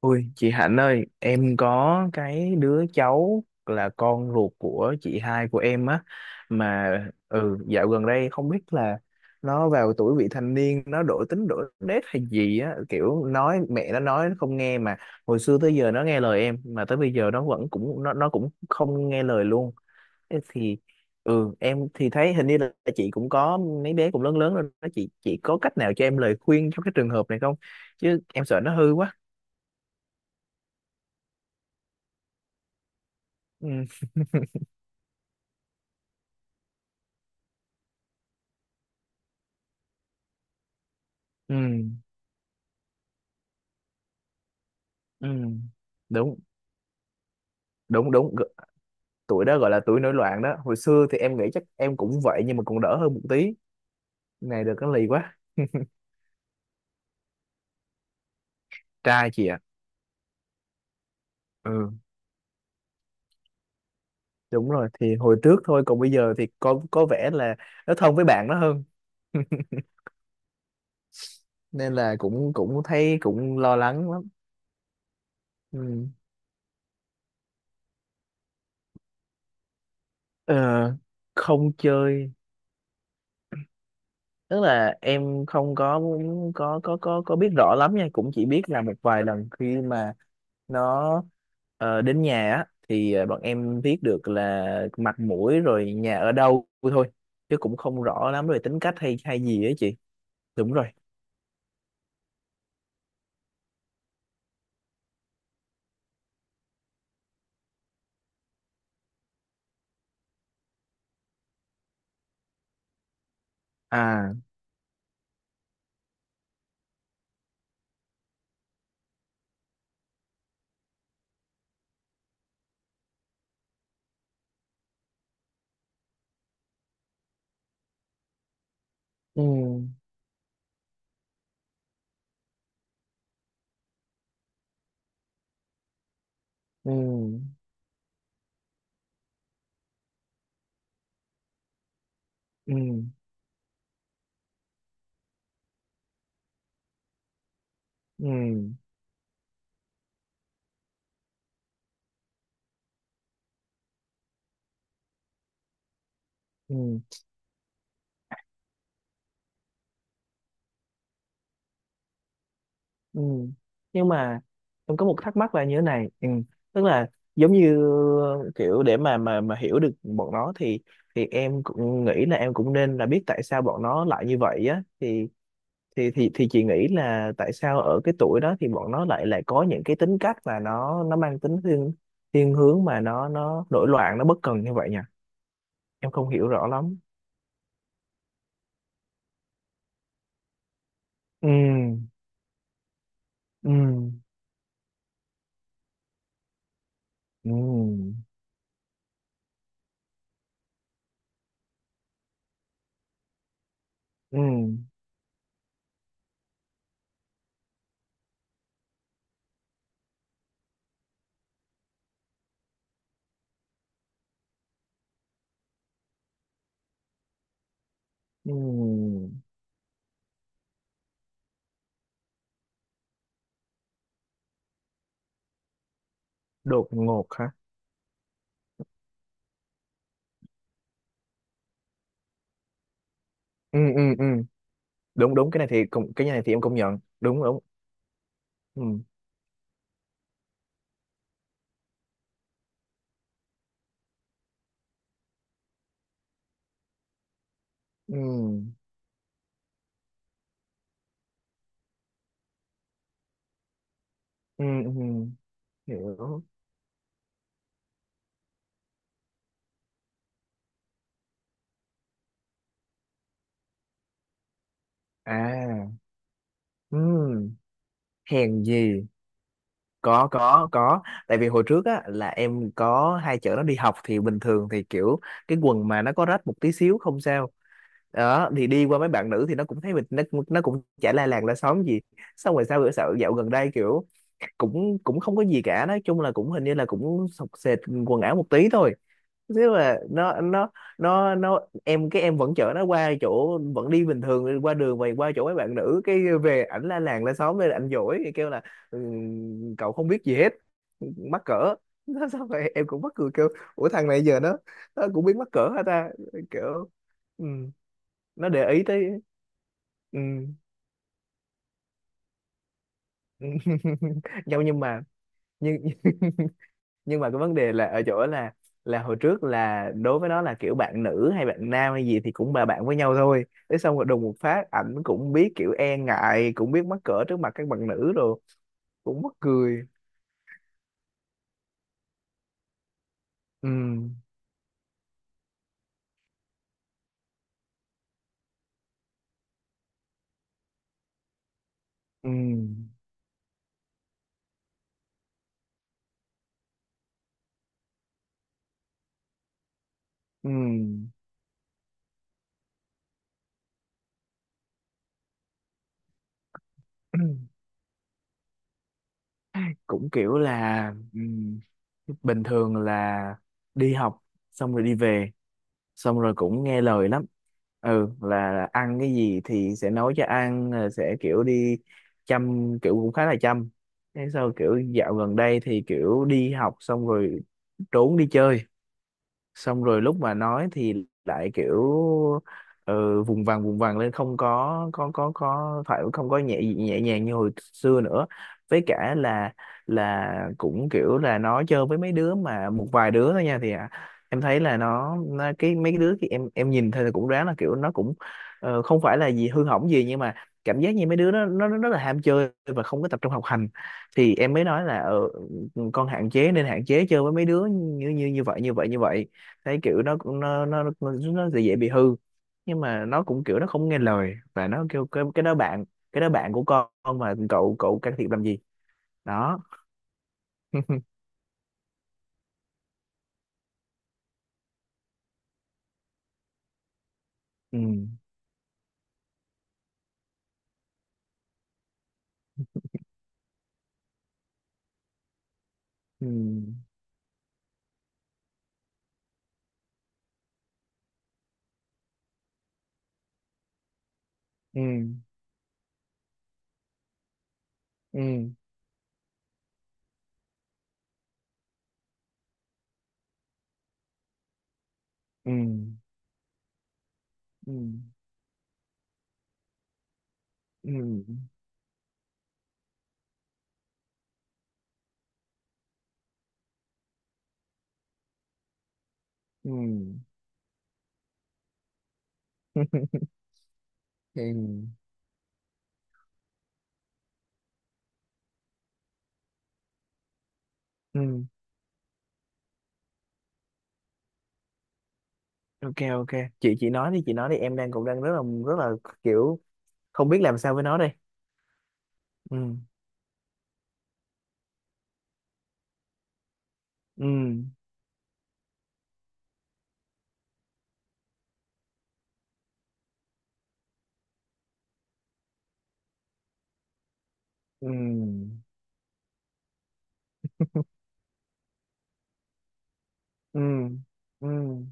Ôi, chị Hạnh ơi, em có cái đứa cháu là con ruột của chị hai của em á mà dạo gần đây không biết là nó vào tuổi vị thành niên, nó đổi tính đổi nết hay gì á, kiểu nói mẹ nó nói nó không nghe, mà hồi xưa tới giờ nó nghe lời em, mà tới bây giờ nó vẫn cũng nó cũng không nghe lời luôn. Thế thì em thì thấy hình như là chị cũng có mấy bé cũng lớn lớn rồi đó, chị có cách nào cho em lời khuyên trong cái trường hợp này không, chứ em sợ nó hư quá. Ừ. Ừ, ừ, đúng đúng đúng. Tuổi đó gọi là tuổi nổi loạn đó, hồi xưa thì em nghĩ chắc em cũng vậy nhưng mà còn đỡ hơn một tí. Này được cái lì quá. Trai chị ạ. Ừ, đúng rồi, thì hồi trước thôi, còn bây giờ thì có vẻ là nó thân với bạn nó hơn. nên là cũng cũng thấy cũng lo lắng lắm. Ừ. Ờ, không chơi, tức là em không có biết rõ lắm nha, cũng chỉ biết là một vài lần khi mà nó đến nhà á thì bọn em biết được là mặt mũi rồi nhà ở đâu thôi, chứ cũng không rõ lắm về tính cách hay hay gì ấy chị. Đúng rồi. À, ừ, ừ, ừ, ừ, ừ, ừ. Nhưng mà em có một thắc mắc là như thế này. Ừ. Tức là giống như kiểu để mà hiểu được bọn nó thì em cũng nghĩ là em cũng nên là biết tại sao bọn nó lại như vậy á, thì thì chị nghĩ là tại sao ở cái tuổi đó thì bọn nó lại lại có những cái tính cách mà nó mang tính thiên thiên hướng mà nó nổi loạn, nó bất cần như vậy nhỉ? Em không hiểu rõ lắm. Ừ, ừ, ừ, ừ, ừ. Đột ngột hả? Ừ, ừ, ừ, đúng đúng, cái này thì em công nhận đúng đúng. Ừ, ừ, ừ, ừ. Hiểu. À, ừ. Hèn gì. Có có có. Tại vì hồi trước á là em có hai chợ nó đi học thì bình thường thì kiểu cái quần mà nó có rách một tí xíu không sao, đó thì đi qua mấy bạn nữ thì nó cũng thấy mình, nó cũng chả la làng la xóm gì. Xong rồi sao bữa sợ dạo gần đây kiểu cũng cũng không có gì cả, nói chung là cũng hình như là cũng sọc sệt quần áo một tí thôi. Nếu mà nó em cái em vẫn chở nó qua chỗ, vẫn đi bình thường qua đường và qua chỗ mấy bạn nữ cái về ảnh la làng la xóm lên, ảnh dỗi thì kêu là "Ừ, cậu không biết gì hết, mắc cỡ." nó sao vậy, em cũng mắc cười, kêu ủa thằng này giờ nó cũng biết mắc cỡ hả ta, kiểu, ừ, nó để ý tới. Ừ. nhau, nhưng nhưng mà cái vấn đề là ở chỗ là hồi trước là đối với nó là kiểu bạn nữ hay bạn nam hay gì thì cũng là bạn với nhau thôi, thế xong rồi đùng một phát ảnh cũng biết kiểu e ngại, cũng biết mắc cỡ trước mặt các bạn nữ rồi, cũng mắc cười. Ừ, ừ, ừ. cũng kiểu là bình thường là đi học xong rồi đi về, xong rồi cũng nghe lời lắm, ừ là ăn cái gì thì sẽ nói cho ăn, rồi sẽ kiểu đi chăm, kiểu cũng khá là chăm. Thế sau kiểu dạo gần đây thì kiểu đi học xong rồi trốn đi chơi, xong rồi lúc mà nói thì lại kiểu vùng vằng lên, không có phải, không có nhẹ nhẹ nhàng như hồi xưa nữa. Với cả là cũng kiểu là nó chơi với mấy đứa mà một vài đứa thôi nha, thì em thấy là nó cái mấy cái đứa thì em nhìn thấy là cũng ráng là kiểu nó cũng không phải là gì hư hỏng gì nhưng mà cảm giác như mấy đứa đó nó rất là ham chơi và không có tập trung học hành. Thì em mới nói là con hạn chế, nên hạn chế chơi với mấy đứa như như như vậy như vậy như vậy, thấy kiểu nó cũng nó dễ dễ bị hư, nhưng mà nó cũng kiểu nó không nghe lời, và nó kêu cái đó bạn của con, mà cậu cậu can thiệp làm gì. Đó. ừ, ừ, ừ, ừ, ừ, ừ, ừ, ừ. ừ, ừ. OK, ok. Chị nói đi, chị nói đi, em cũng đang rất là kiểu không biết làm sao với nó đây. Ừ, ừ, ừ, ừ, ừ, ừ.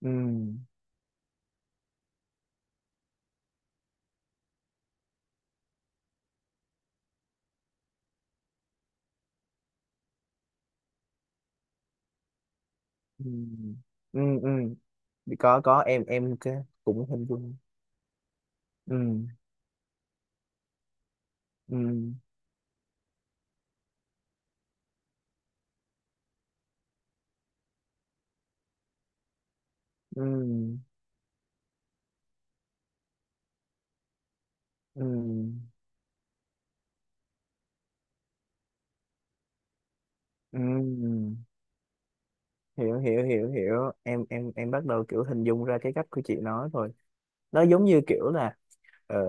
Ừ. Ừ, ừ, ừ. Thì có em cái cũng hình dung. Ừ, ừ, ừ, ừ, ừ. Hiểu hiểu hiểu hiểu, em bắt đầu kiểu hình dung ra cái cách của chị nói rồi. Nó giống như kiểu là ờ,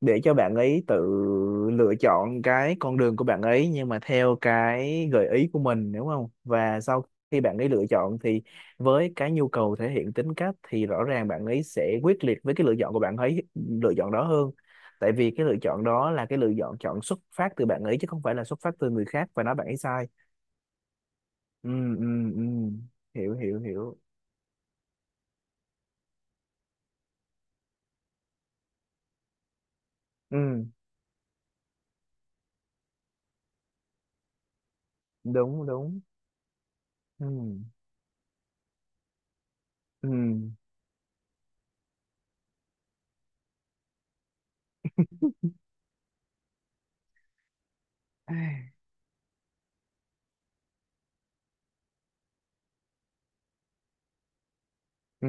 để cho bạn ấy tự lựa chọn cái con đường của bạn ấy, nhưng mà theo cái gợi ý của mình, đúng không? Và sau khi bạn ấy lựa chọn thì với cái nhu cầu thể hiện tính cách thì rõ ràng bạn ấy sẽ quyết liệt với cái lựa chọn của bạn ấy, lựa chọn đó hơn. Tại vì cái lựa chọn đó là cái lựa chọn chọn xuất phát từ bạn ấy chứ không phải là xuất phát từ người khác và nói bạn ấy sai. Ừ, ừ, ừ. Hiểu hiểu hiểu. Ừ. Đúng đúng. Ừ, ừ. Ai, ừ,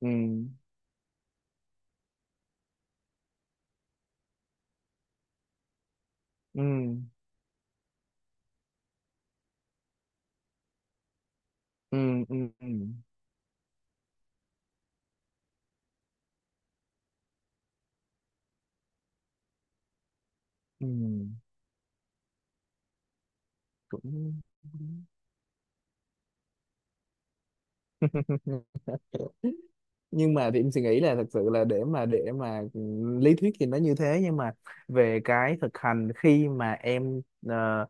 ừ, ừ, ừ, ừ, ừ, ừ, cũng đúng. Nhưng mà thì em suy nghĩ là thật sự là để mà lý thuyết thì nó như thế, nhưng mà về cái thực hành khi mà em ờ,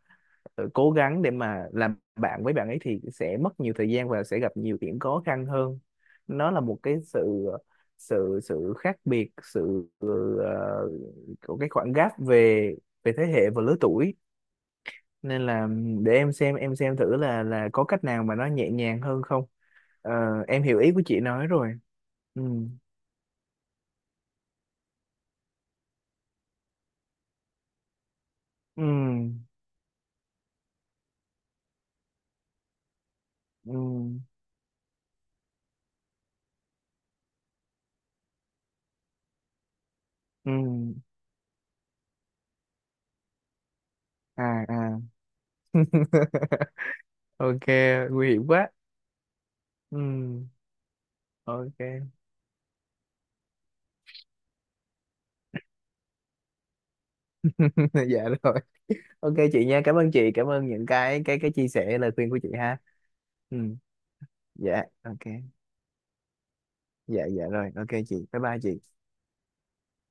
cố gắng để mà làm bạn với bạn ấy thì sẽ mất nhiều thời gian và sẽ gặp nhiều điểm khó khăn hơn. Nó là một cái sự sự sự khác biệt, sự của cái khoảng gap về về thế hệ và lứa tuổi. Nên là để em xem thử là có cách nào mà nó nhẹ nhàng hơn không. Ờ, em hiểu ý của chị nói rồi. Ừ, ừ, ừ, ừ. À, à. ok. Nguy hiểm quá. Ừ. OK. dạ rồi, ok chị nha, cảm ơn chị, cảm ơn những cái chia sẻ lời khuyên của chị ha. Ừ, dạ ok, dạ dạ rồi, ok chị, bye bye chị.